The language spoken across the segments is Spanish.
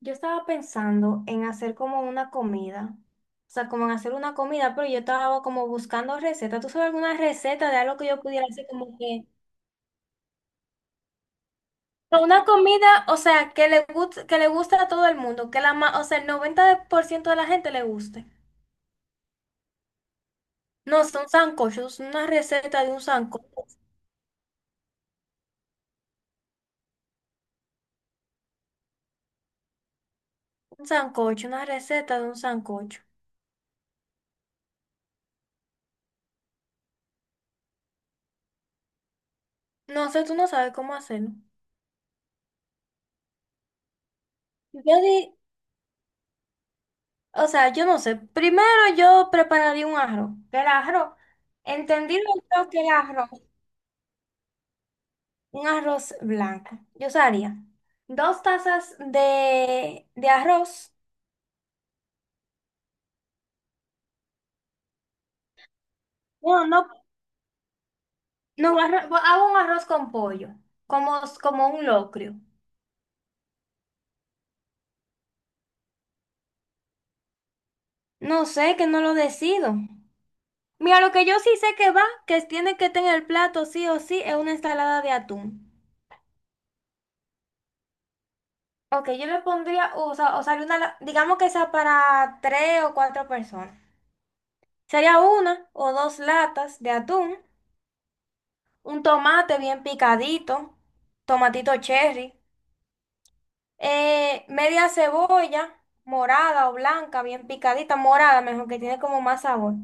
Yo estaba pensando en hacer como una comida, o sea, como en hacer una comida, pero yo estaba como buscando recetas. ¿Tú sabes alguna receta de algo que yo pudiera hacer como que... Pero una comida, o sea, que le guste a todo el mundo, que o sea, el 90% de la gente le guste. No, son sancochos, una receta de un sancocho, una receta de un sancocho. No sé, tú no sabes cómo hacerlo. Yo di- O sea, yo no sé. Primero yo prepararía un arroz. Que El arroz, entendido yo que El arroz, un arroz blanco. Yo usaría 2 tazas de arroz. Bueno, no, no, arroz- Bueno, hago un arroz con pollo, como un locrio. No sé, que no lo decido. Mira, lo que yo sí sé que va, que tiene que tener el plato sí o sí, es una ensalada de atún. Ok, yo le pondría, o sea, digamos que sea para 3 o 4 personas. Sería 1 o 2 latas de atún, un tomate bien picadito, tomatito cherry, media cebolla morada o blanca, bien picadita, morada mejor, que tiene como más sabor.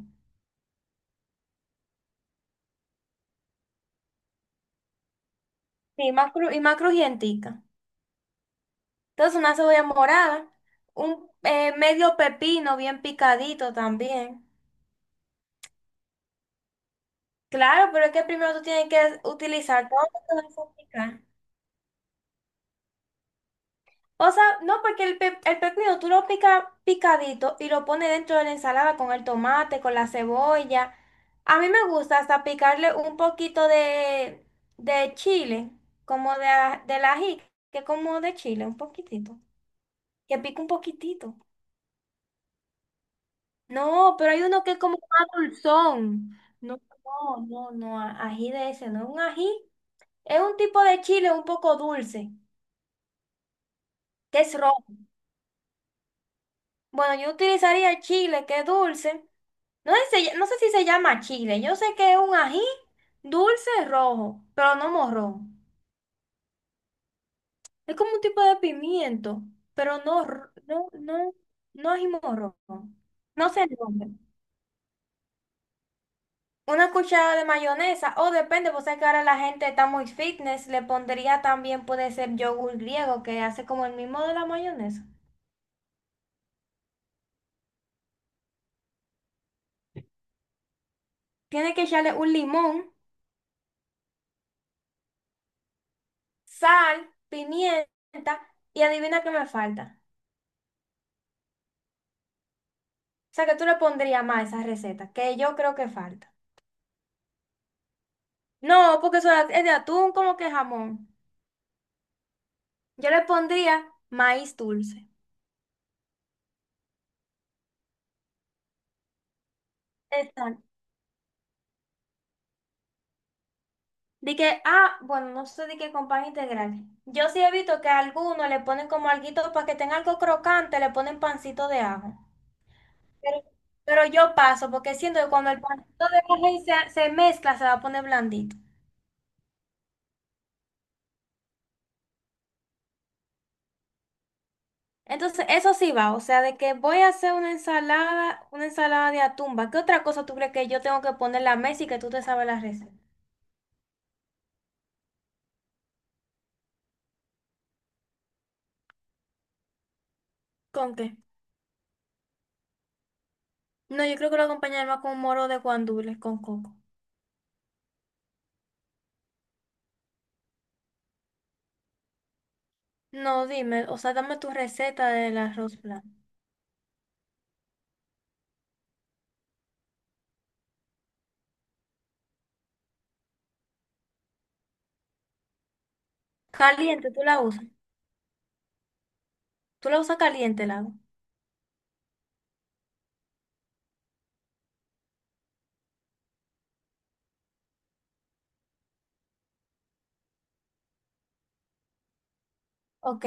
Sí, y más crujientica. Entonces una cebolla morada, un medio pepino bien picadito también. Claro, pero es que primero tú tienes que utilizar todo lo que vas a picar. O sea, no, porque el pepino tú lo picas picadito y lo pones dentro de la ensalada con el tomate, con la cebolla. A mí me gusta hasta picarle un poquito de chile, como de, del ají, que es como de chile, un poquitito. Que pica un poquitito. No, pero hay uno que es como más dulzón. No, no, no, no, ají de ese, no es un ají. Es un tipo de chile un poco dulce, que es rojo. Bueno, yo utilizaría el chile, que es dulce. No sé, no sé si se llama chile. Yo sé que es un ají dulce rojo, pero no morrón. Es como un tipo de pimiento, pero no, no, no ají morrón. No sé el nombre. Una cucharada de mayonesa, o depende, vos sabés que ahora la gente está muy fitness, le pondría también, puede ser yogur griego, que hace como el mismo de la mayonesa. Tiene que echarle un limón, sal, pimienta, y adivina qué me falta. O sea, que tú le pondrías más a esa receta, que yo creo que falta. No, porque eso es de atún como que jamón. Yo le pondría maíz dulce. Exacto. De que, ah, bueno, no sé de qué con pan integral. Yo sí he visto que a algunos le ponen como alguito para que tenga algo crocante, le ponen pancito de ajo. Pero, pero yo paso, porque siento que cuando el pancito de ajo se mezcla, se va a poner blandito. Entonces, eso sí va, o sea, de que voy a hacer una ensalada de atumba. ¿Qué otra cosa tú crees que yo tengo que poner en la mesa y que tú te sabes la receta? ¿Con qué? No, yo creo que lo acompañaré más con un moro de guandules con coco. No, dime, o sea, dame tu receta del arroz blanco. Caliente, tú la usas. Tú la usas caliente, el agua. Ok.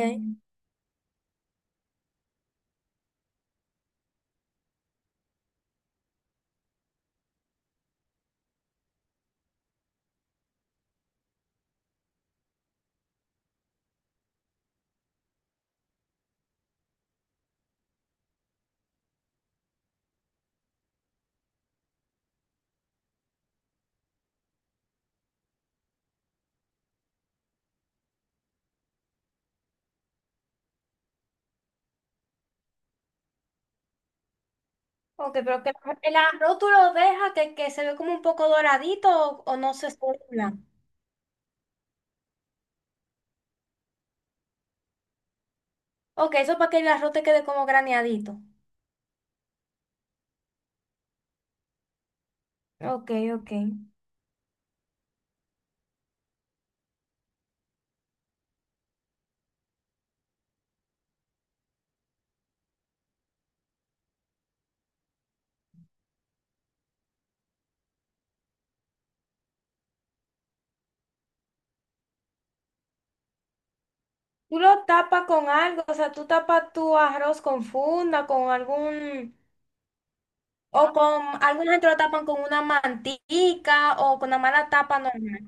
Ok, pero que el arroz tú lo dejas que se ve como un poco doradito o no se esté blanco. Ok, eso es para que el arroz te quede como graneadito. Ok, ok. Tú lo tapas con algo, o sea, tú tapas tu arroz con funda, con algún, o con, alguna gente lo tapan con una mantica o con una mala tapa normal.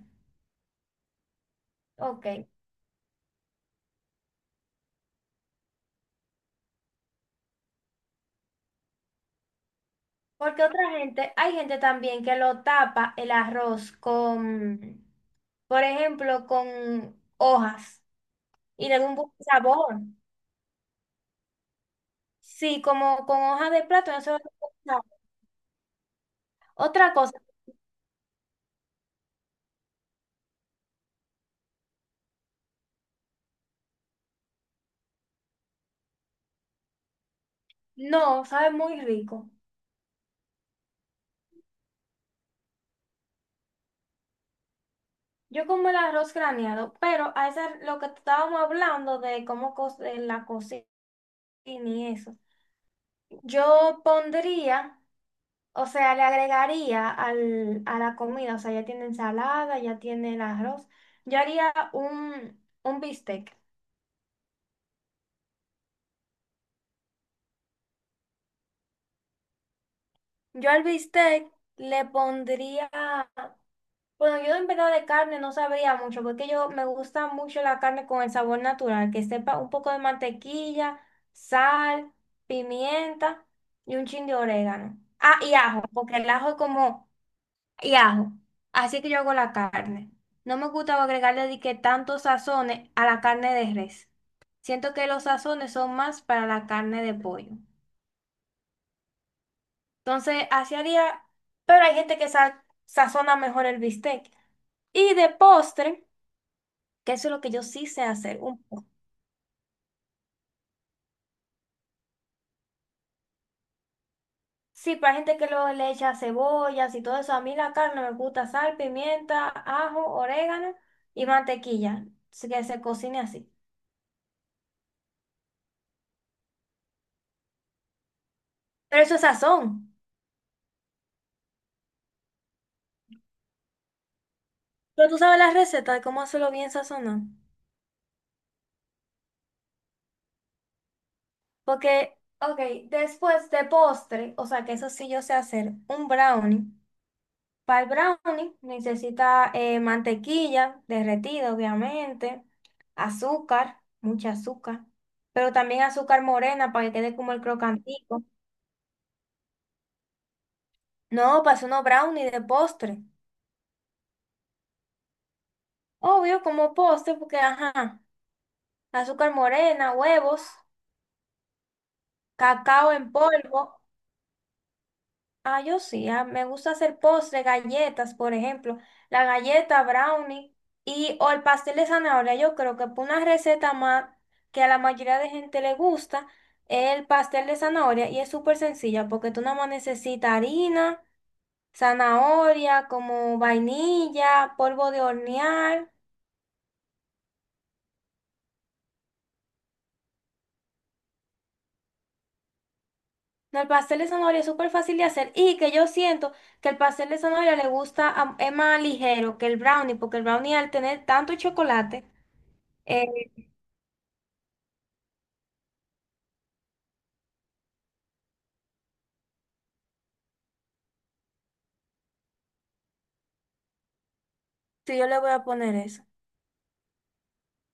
Ok. Porque otra gente, hay gente también que lo tapa el arroz con, por ejemplo, con hojas y le da un buen sabor. Sí, como con hojas de plátano, eso es lo que sabe. Otra cosa, no, sabe muy rico. Yo como el arroz graneado, pero a esa, lo que estábamos hablando de de la cocina y eso, yo pondría, o sea, le agregaría a la comida, o sea, ya tiene ensalada, ya tiene el arroz, yo haría un bistec. Yo al bistec le pondría. Bueno, yo en verdad de carne no sabría mucho, porque yo me gusta mucho la carne con el sabor natural, que sepa un poco de mantequilla, sal, pimienta y un chin de orégano. Ah, y ajo, porque el ajo es como, y ajo. Así que yo hago la carne. No me gusta agregarle de que tantos sazones a la carne de res. Siento que los sazones son más para la carne de pollo. Entonces, así haría, pero hay gente que sazona mejor el bistec. Y de postre. Que eso es lo que yo sí sé hacer un poco. Sí, para gente que luego le echa cebollas y todo eso, a mí la carne me gusta sal, pimienta, ajo, orégano y mantequilla, así que se cocine así. Pero eso es sazón. Pero tú sabes la receta de cómo hacerlo bien sazonado. Porque, ok, después de postre, o sea que eso sí yo sé hacer, un brownie. Para el brownie necesita mantequilla derretida, obviamente, azúcar, mucha azúcar, pero también azúcar morena para que quede como el crocantico. No, para hacer unos brownies de postre. Obvio, como postre, porque ajá, azúcar morena, huevos, cacao en polvo. Ah, yo sí, ah, me gusta hacer postres, galletas, por ejemplo, la galleta, brownie y o el pastel de zanahoria. Yo creo que por una receta más que a la mayoría de gente le gusta es el pastel de zanahoria y es súper sencilla porque tú nada más necesitas harina, zanahoria, como vainilla, polvo de hornear. No, el pastel de zanahoria es súper fácil de hacer y que yo siento que el pastel de zanahoria le gusta, es más ligero que el brownie porque el brownie al tener tanto chocolate. Sí, yo le voy a poner eso.